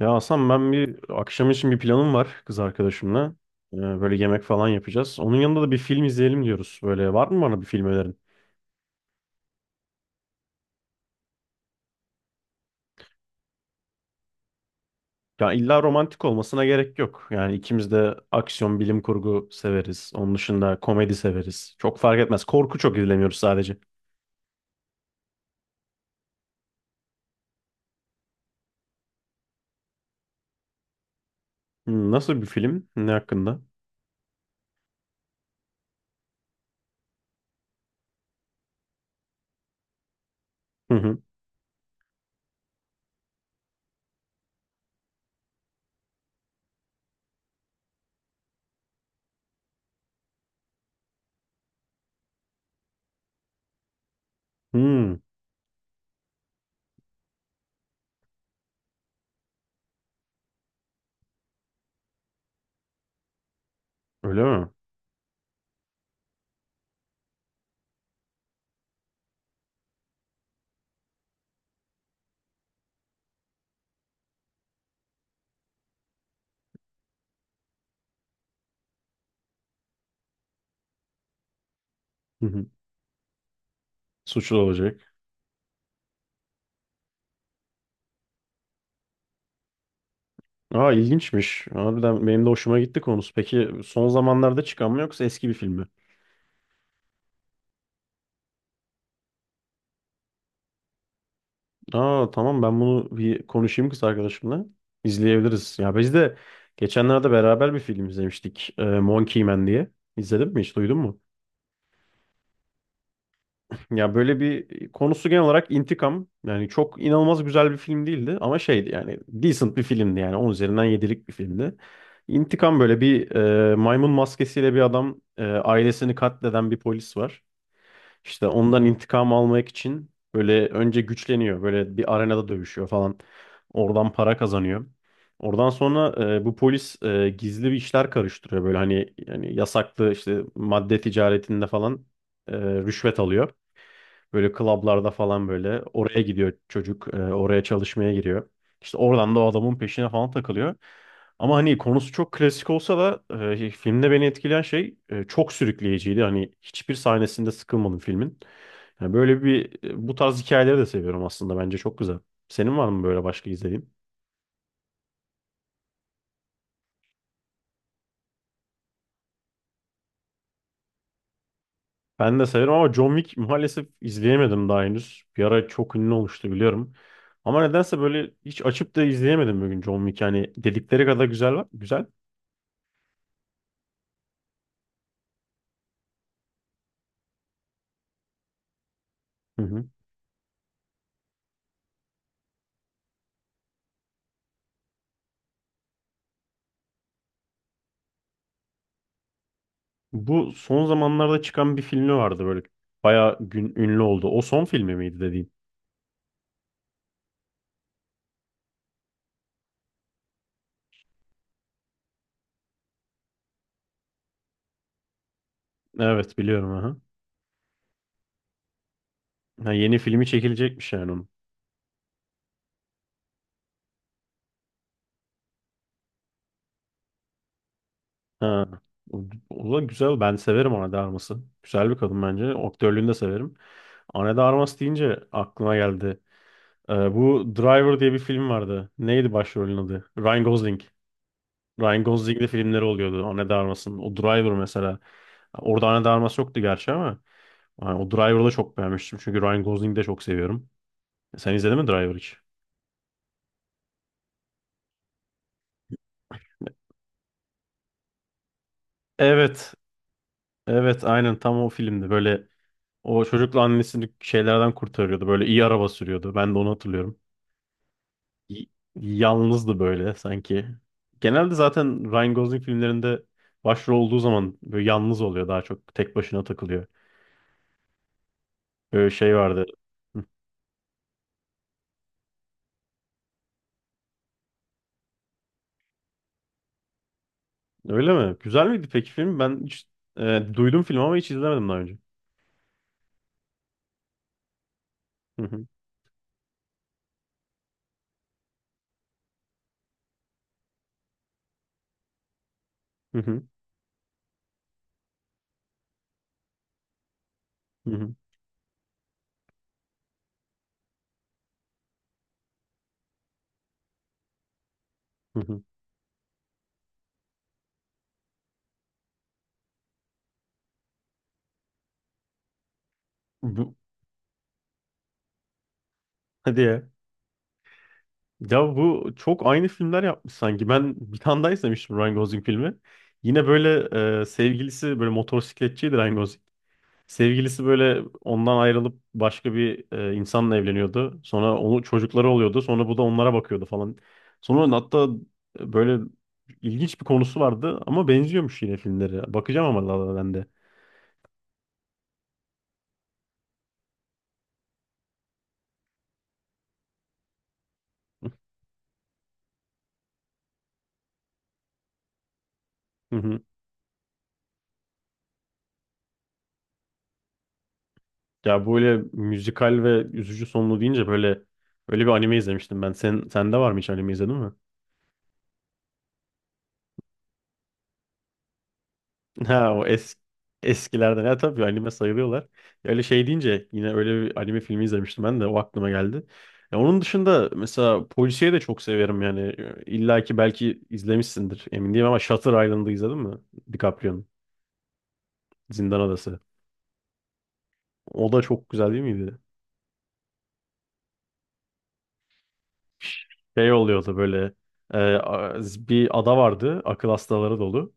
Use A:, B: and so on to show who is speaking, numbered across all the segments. A: Ya Hasan, ben bir akşam için bir planım var kız arkadaşımla. Böyle yemek falan yapacağız. Onun yanında da bir film izleyelim diyoruz. Böyle var mı bana bir film önerin? Ya illa romantik olmasına gerek yok. Yani ikimiz de aksiyon, bilim kurgu severiz. Onun dışında komedi severiz. Çok fark etmez. Korku çok izlemiyoruz sadece. Hmm, nasıl bir film? Ne hakkında? Hı hı. Hmm, öyle mi? Hı hı. Suçlu olacak. Aa, ilginçmiş. Harbiden benim de hoşuma gitti konusu. Peki son zamanlarda çıkan mı yoksa eski bir film mi? Aa, tamam, ben bunu bir konuşayım kız arkadaşımla. İzleyebiliriz. Ya biz de geçenlerde beraber bir film izlemiştik. Monkey Man diye. İzledin mi, hiç duydun mu? Ya böyle bir konusu genel olarak intikam. Yani çok inanılmaz güzel bir film değildi ama şeydi yani decent bir filmdi yani 10 üzerinden 7'lik bir filmdi. İntikam, böyle bir maymun maskesiyle bir adam, ailesini katleden bir polis var. İşte ondan intikam almak için böyle önce güçleniyor. Böyle bir arenada dövüşüyor falan. Oradan para kazanıyor. Oradan sonra bu polis gizli bir işler karıştırıyor. Böyle hani yani yasaklı işte madde ticaretinde falan rüşvet alıyor. Böyle klablarda falan böyle oraya gidiyor çocuk. Oraya çalışmaya giriyor. İşte oradan da o adamın peşine falan takılıyor. Ama hani konusu çok klasik olsa da filmde beni etkileyen şey, çok sürükleyiciydi. Hani hiçbir sahnesinde sıkılmadım filmin. Yani böyle bir, bu tarz hikayeleri de seviyorum aslında. Bence çok güzel. Senin var mı böyle başka izlediğin? Ben de severim ama John Wick maalesef izleyemedim daha henüz. Bir ara çok ünlü olmuştu, biliyorum. Ama nedense böyle hiç açıp da izleyemedim bugün John Wick. Yani dedikleri kadar güzel var. Güzel. Hı hı. Bu son zamanlarda çıkan bir filmi vardı böyle. Bayağı gün, ünlü oldu. O son filmi miydi dediğin? Evet, biliyorum. Aha. Ha, yeni filmi çekilecekmiş yani onun. Ha. O, o da güzel. Ben severim ona darması. Güzel bir kadın bence. Aktörlüğünü de severim. Ana de Armas deyince aklıma geldi. Bu Driver diye bir film vardı. Neydi başrolün adı? Ryan Gosling. Ryan Gosling'in de filmleri oluyordu. Ana de Armas'ın. O Driver mesela. Orada Ana de Armas yoktu gerçi ama. Yani o Driver'ı da çok beğenmiştim. Çünkü Ryan Gosling'i de çok seviyorum. Sen izledin mi Driver hiç? Evet. Evet aynen, tam o filmdi. Böyle o çocukla annesini şeylerden kurtarıyordu. Böyle iyi araba sürüyordu. Ben de onu hatırlıyorum. y- Yalnızdı böyle sanki. Genelde zaten Ryan Gosling filmlerinde başrol olduğu zaman böyle yalnız oluyor, daha çok tek başına takılıyor. Böyle şey vardı. Hı, öyle mi? Güzel miydi peki film? Ben hiç duydum film ama hiç izlemedim daha önce. Hı hı, hı hı, hı hı, hı hı. Bu, hadi ya. Ya bu çok aynı filmler yapmış sanki. Ben bir tane daha izlemiştim Ryan Gosling filmi. Yine böyle sevgilisi böyle motosikletçiydi Ryan Gosling. Sevgilisi böyle ondan ayrılıp başka bir insanla evleniyordu. Sonra onu çocukları oluyordu. Sonra bu da onlara bakıyordu falan. Sonra hatta böyle ilginç bir konusu vardı ama benziyormuş yine filmleri. Bakacağım ama La La Land'e. Hı hı. Ya böyle müzikal ve üzücü sonlu deyince böyle öyle bir anime izlemiştim ben. Sen, sende var mı, hiç anime izledin mi? Ha, o eskilerden. Ya tabii anime sayılıyorlar. Ya öyle şey deyince yine öyle bir anime filmi izlemiştim ben de o aklıma geldi. Ya onun dışında mesela polisiye de çok severim yani. İlla ki belki izlemişsindir, emin değilim ama Shutter Island'ı izledin mi? DiCaprio'nun Zindan Adası. O da çok güzel değil miydi? Şey oluyordu böyle, e, a- bir ada vardı, akıl hastaları dolu.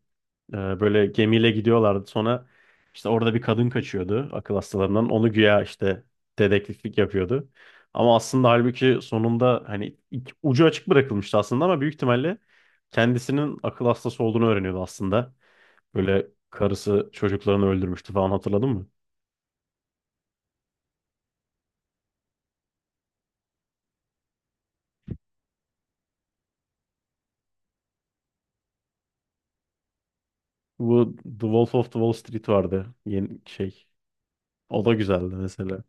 A: Böyle gemiyle gidiyorlardı. Sonra işte orada bir kadın kaçıyordu akıl hastalarından. Onu güya işte dedektiflik yapıyordu. Ama aslında halbuki sonunda hani ucu açık bırakılmıştı aslında ama büyük ihtimalle kendisinin akıl hastası olduğunu öğreniyordu aslında. Böyle karısı çocuklarını öldürmüştü falan, hatırladın mı? Bu The Wolf of the Wall Street vardı. Yeni şey. O da güzeldi mesela.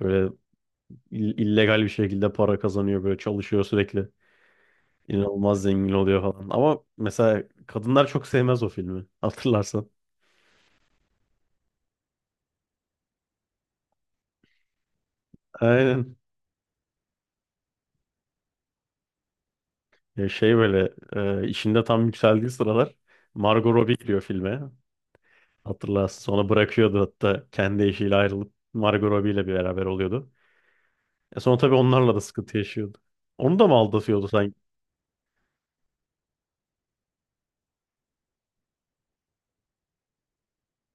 A: Böyle illegal bir şekilde para kazanıyor, böyle çalışıyor sürekli. İnanılmaz zengin oluyor falan. Ama mesela kadınlar çok sevmez o filmi. Hatırlarsan. Aynen. Ya şey böyle işinde tam yükseldiği sıralar Margot Robbie giriyor filme. Hatırlarsın. Sonra bırakıyordu hatta, kendi eşiyle ayrılıp Margot Robbie ile bir beraber oluyordu. E sonra tabii onlarla da sıkıntı yaşıyordu. Onu da mı aldatıyordu sanki?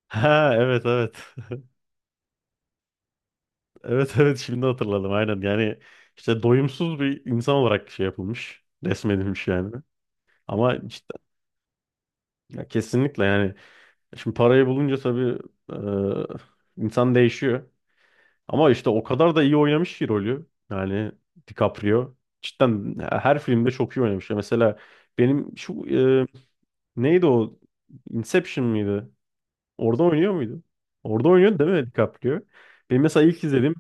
A: Ha evet, evet. Evet evet, şimdi hatırladım aynen. Yani işte doyumsuz bir insan olarak şey yapılmış. Resmedilmiş yani. Ama işte, ya kesinlikle yani. Şimdi parayı bulunca tabii insan değişiyor. Ama işte o kadar da iyi oynamış ki rolü. Yani DiCaprio. Cidden her filmde çok iyi oynamış. Ya mesela benim şu e, neydi o? Inception mıydı? Orada oynuyor muydu? Orada oynuyordu değil mi DiCaprio? Benim mesela ilk izlediğim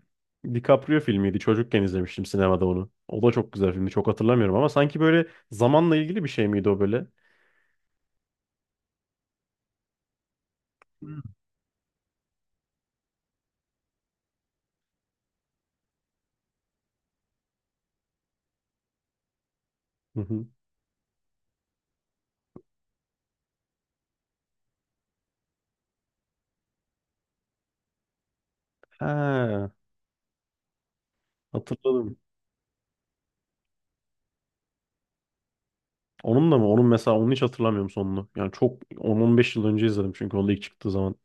A: DiCaprio filmiydi. Çocukken izlemiştim sinemada onu. O da çok güzel filmdi. Çok hatırlamıyorum ama sanki böyle zamanla ilgili bir şey miydi o böyle? Hmm. Hı hı. Ha, hatırladım. Onun da mı? Onun, mesela onu hiç hatırlamıyorum sonunu. Yani çok 10-15 yıl önce izledim çünkü, onda ilk çıktığı zaman.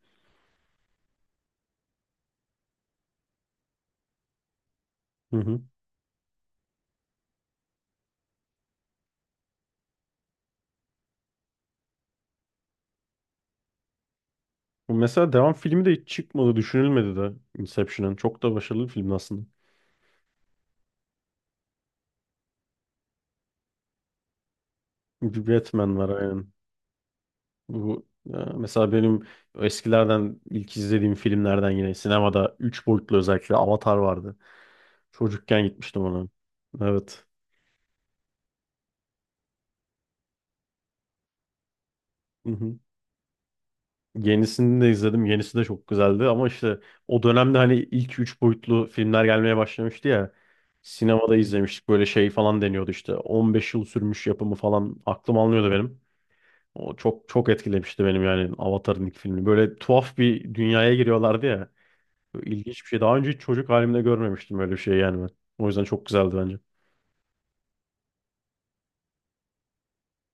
A: Hı hı. Bu mesela devam filmi de hiç çıkmadı, düşünülmedi de Inception'ın. Çok da başarılı bir film aslında. Bir Batman var aynen. Bu ya mesela benim eskilerden ilk izlediğim filmlerden yine sinemada 3 boyutlu özellikle Avatar vardı. Çocukken gitmiştim ona. Evet. Yenisini de izledim. Yenisi de çok güzeldi ama işte o dönemde hani ilk üç boyutlu filmler gelmeye başlamıştı ya. Sinemada izlemiştik, böyle şey falan deniyordu işte. 15 yıl sürmüş yapımı falan, aklım almıyordu benim. O çok çok etkilemişti benim yani, Avatar'ın ilk filmi. Böyle tuhaf bir dünyaya giriyorlardı ya. Böyle ilginç bir şey. Daha önce hiç çocuk halimde görmemiştim öyle bir şey yani ben. O yüzden çok güzeldi bence.